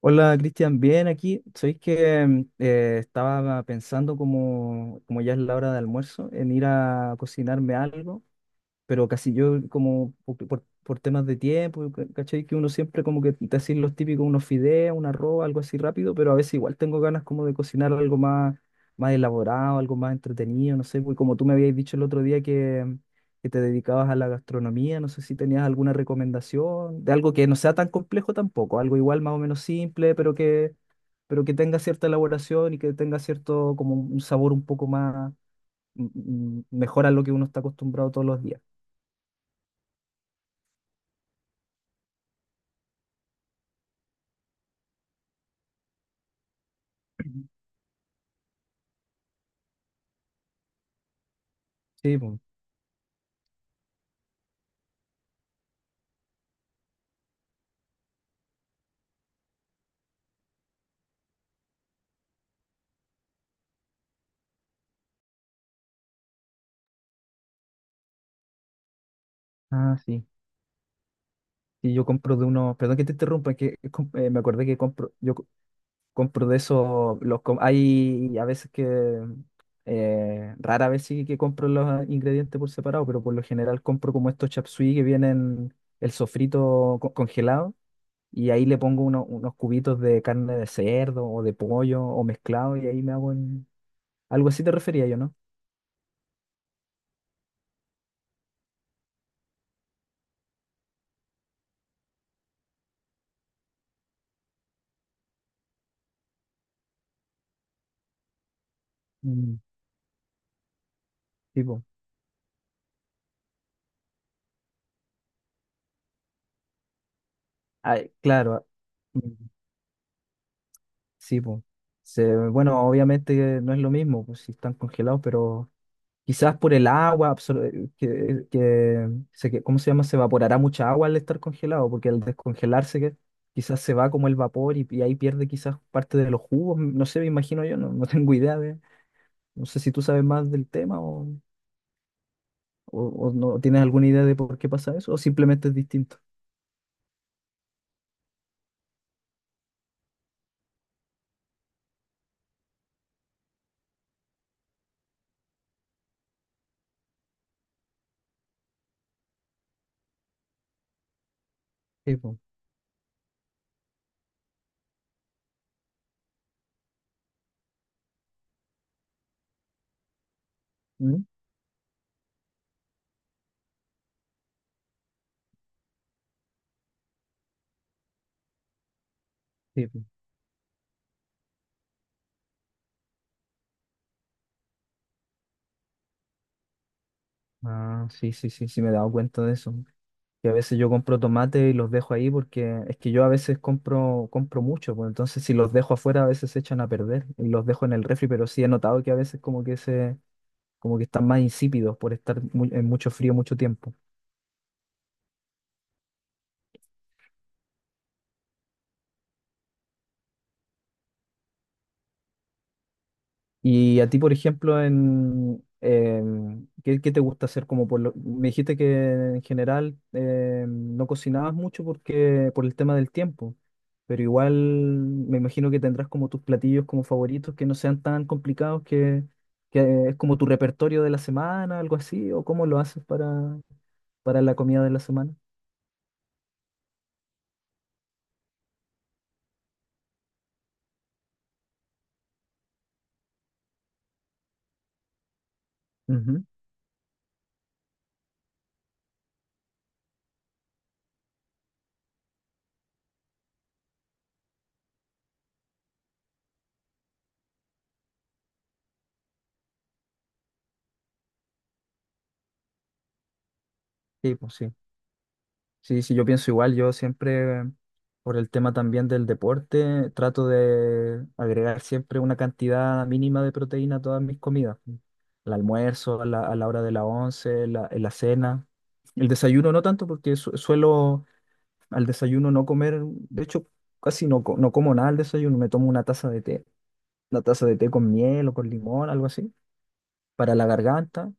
Hola Cristian, bien aquí. Sabéis que estaba pensando como ya es la hora de almuerzo en ir a cocinarme algo pero casi yo como por temas de tiempo, ¿cachai? Que uno siempre como que te hacen los típicos, unos fideos, un arroz, algo así rápido, pero a veces igual tengo ganas como de cocinar algo más, más elaborado, algo más entretenido, no sé, pues como tú me habías dicho el otro día que te dedicabas a la gastronomía, no sé si tenías alguna recomendación de algo que no sea tan complejo tampoco, algo igual más o menos simple, pero que tenga cierta elaboración y que tenga cierto como un sabor un poco más mejor a lo que uno está acostumbrado todos los días. Sí, po. Ah, sí. Sí, yo compro de uno, perdón que te interrumpa, es que me acordé que compro, compro de esos, hay a veces que rara vez sí que compro los ingredientes por separado, pero por lo general compro como estos chapsui que vienen el sofrito congelado y ahí le pongo unos cubitos de carne de cerdo o de pollo o mezclado y ahí me hago en... Algo así te refería yo, ¿no? Mm, tipo, ah, claro. Ah, mm. Sí, pues. Bueno, obviamente que no es lo mismo, pues si están congelados, pero quizás por el agua, ¿cómo se llama? Se evaporará mucha agua al estar congelado, porque al descongelarse que, quizás se va como el vapor y ahí pierde quizás parte de los jugos, no sé, me imagino yo, no tengo idea de, no sé si tú sabes más del tema o o no tienes alguna idea de por qué pasa eso, o simplemente es distinto. Sí, pues. ¿Mm? Sí, pues. Ah, sí, sí, sí, sí, me he dado cuenta de eso. Que a veces yo compro tomate y los dejo ahí porque es que yo a veces compro mucho, pues entonces si los dejo afuera a veces se echan a perder y los dejo en el refri, pero sí he notado que a veces como que se, como que están más insípidos por estar en mucho frío mucho tiempo. Y a ti, por ejemplo, ¿qué te gusta hacer como Me dijiste que en general no cocinabas mucho porque por el tema del tiempo, pero igual me imagino que tendrás como tus platillos como favoritos que no sean tan complicados que es como tu repertorio de la semana, algo así, o cómo lo haces para la comida de la semana. Ujú. Sí, pues sí. Sí, sí, yo pienso igual, yo siempre, por el tema también del deporte, trato de agregar siempre una cantidad mínima de proteína a todas mis comidas. El almuerzo, a la hora de la once, la, en la cena. El desayuno no tanto, porque suelo al desayuno no comer, de hecho, casi no, no como nada al desayuno, me tomo una taza de té, una taza de té con miel o con limón, algo así, para la garganta.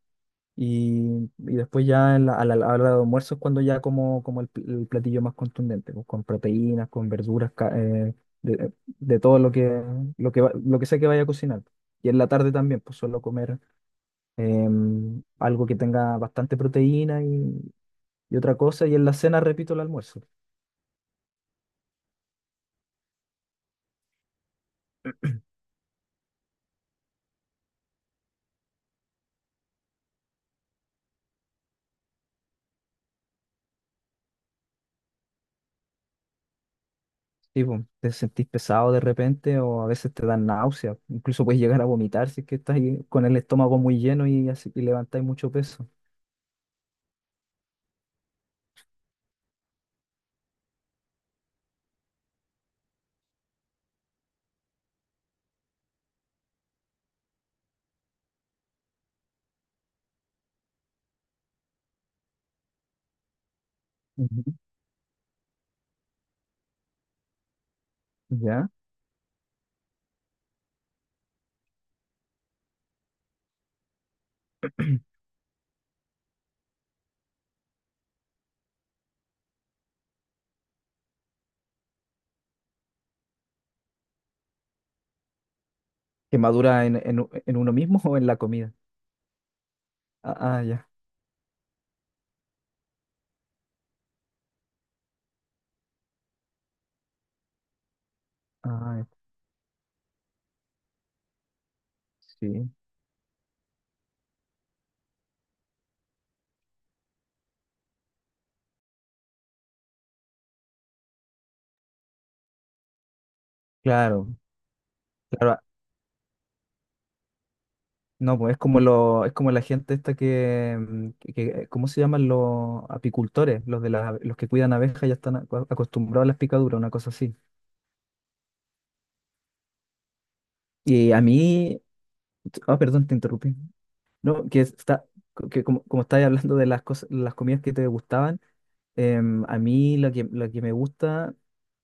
Y después ya en a la hora de almuerzo es cuando ya como, como el platillo más contundente, pues, con proteínas, con verduras, de todo lo que sea que vaya a cocinar. Y en la tarde también, pues suelo comer algo que tenga bastante proteína y otra cosa. Y en la cena repito el almuerzo. Tipo, te sentís pesado de repente o a veces te dan náuseas. Incluso puedes llegar a vomitar si es que estás ahí con el estómago muy lleno y, así, y levantáis mucho peso. Ujú. ¿Ya? Que madura en uno mismo o en la comida. Ah, ah, ya. Ah, sí. Claro, claro. No, pues es como lo, es como la gente esta que ¿cómo se llaman los apicultores? Los de las, los que cuidan abejas ya están acostumbrados a las picaduras, una cosa así. Y a mí, ah, perdón, te interrumpí. No, que está, como estáis hablando de las cosas, las comidas que te gustaban. Em, a mí lo que me gusta,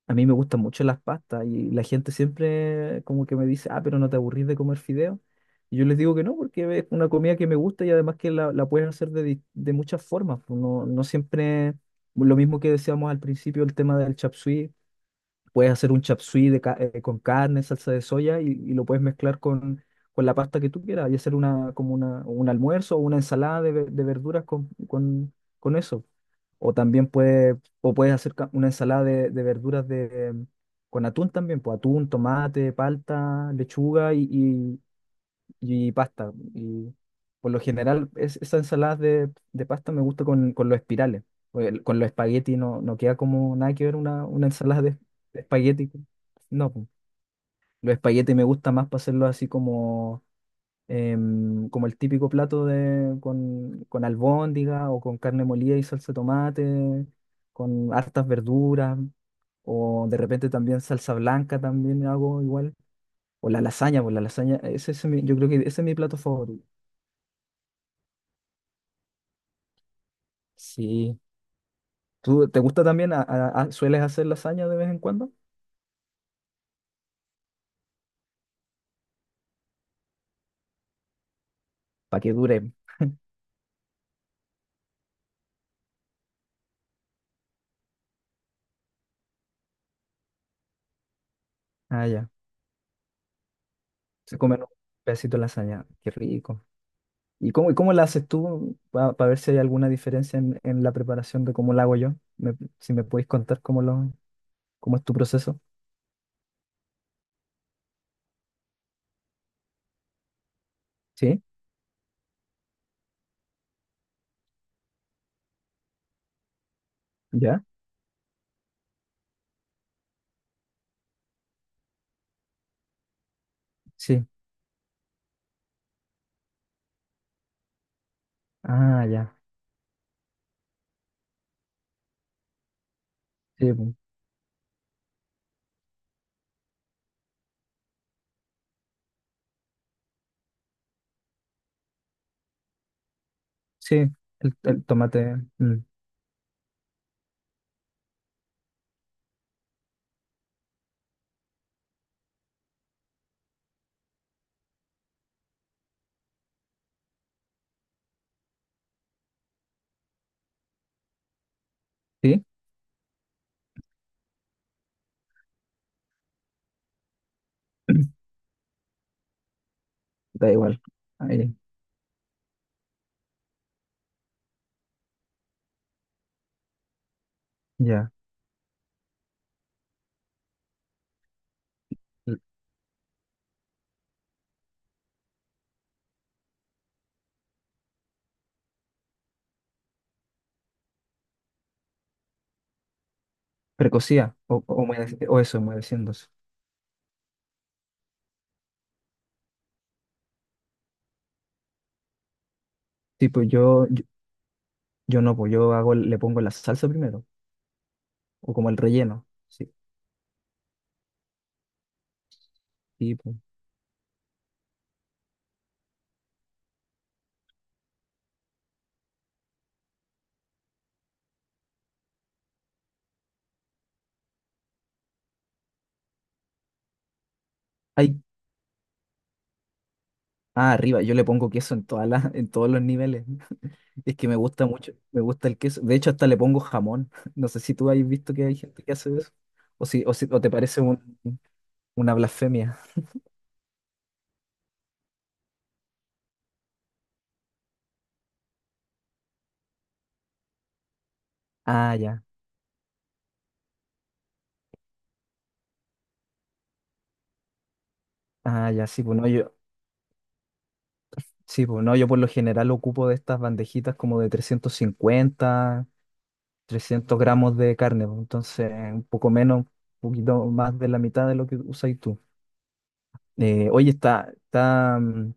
a mí me gustan mucho las pastas y la gente siempre como que me dice, ah, pero no te aburrís de comer fideo. Y yo les digo que no, porque es una comida que me gusta y además que la puedes hacer de muchas formas. Pues no, no siempre lo mismo que decíamos al principio, el tema del chapsui. Puedes hacer un chap suey de con carne, salsa de soya y lo puedes mezclar con la pasta que tú quieras y hacer una, como una, un almuerzo o una ensalada de verduras con eso. O también puedes, o puedes hacer una ensalada de verduras de, con atún también, pues atún, tomate, palta, lechuga y pasta. Y por lo general, esa ensalada de pasta me gusta con los espirales. Con los espaguetis no, no queda como nada que ver una ensalada de espagueti. No, po. Los espaguetis me gusta más para hacerlo así como, em, como el típico plato con albóndiga o con carne molida y salsa de tomate, con hartas verduras. O de repente también salsa blanca también hago igual. O la lasaña, pues la lasaña, yo creo que ese es mi plato favorito. Sí. ¿Tú te gusta también? ¿Sueles hacer lasaña de vez en cuando? Para que dure. Ah, ya. Se comen un pedacito de lasaña. Qué rico. Y cómo la haces tú? Para ver si hay alguna diferencia en la preparación de cómo la hago yo. Si me puedes contar cómo, lo, cómo es tu proceso. ¿Sí? ¿Ya? Sí. Ah, ya. Sí, pu- Sí. El tomate. Mm. ¿Sí? Da igual. Ahí, ya. L- Precocida. O, humedec- o eso, humedeciéndose. Tipo, yo. Yo no, pues yo hago, le pongo la salsa primero, o como el relleno. Sí, sí, pues. Ay, ah, arriba, yo le pongo queso en todas las, en todos los niveles. Es que me gusta mucho, me gusta el queso. De hecho, hasta le pongo jamón. No sé si tú has visto que hay gente que hace eso. O si, o si, o te parece una blasfemia. Ah, ya, ah, ya, sí, pues no, yo, sí, pues no, yo por lo general ocupo de estas bandejitas como de 350 300 gramos de carne, pues, entonces un poco menos, un poquito más de la mitad de lo que usáis tú. Oye, está, mm,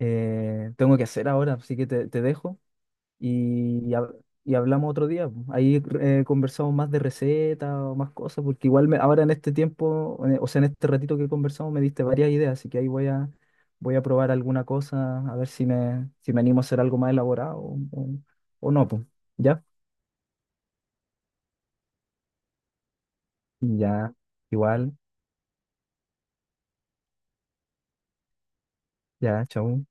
eh, tengo que hacer ahora, así te dejo y, hab- y hablamos otro día. Ahí conversamos más de recetas o más cosas, porque ahora en este tiempo, o sea, en este ratito que conversamos me diste varias ideas, así que voy a probar alguna cosa, a ver si me animo a hacer algo más elaborado o no, pues. ¿Ya? Ya, igual, ya, chao.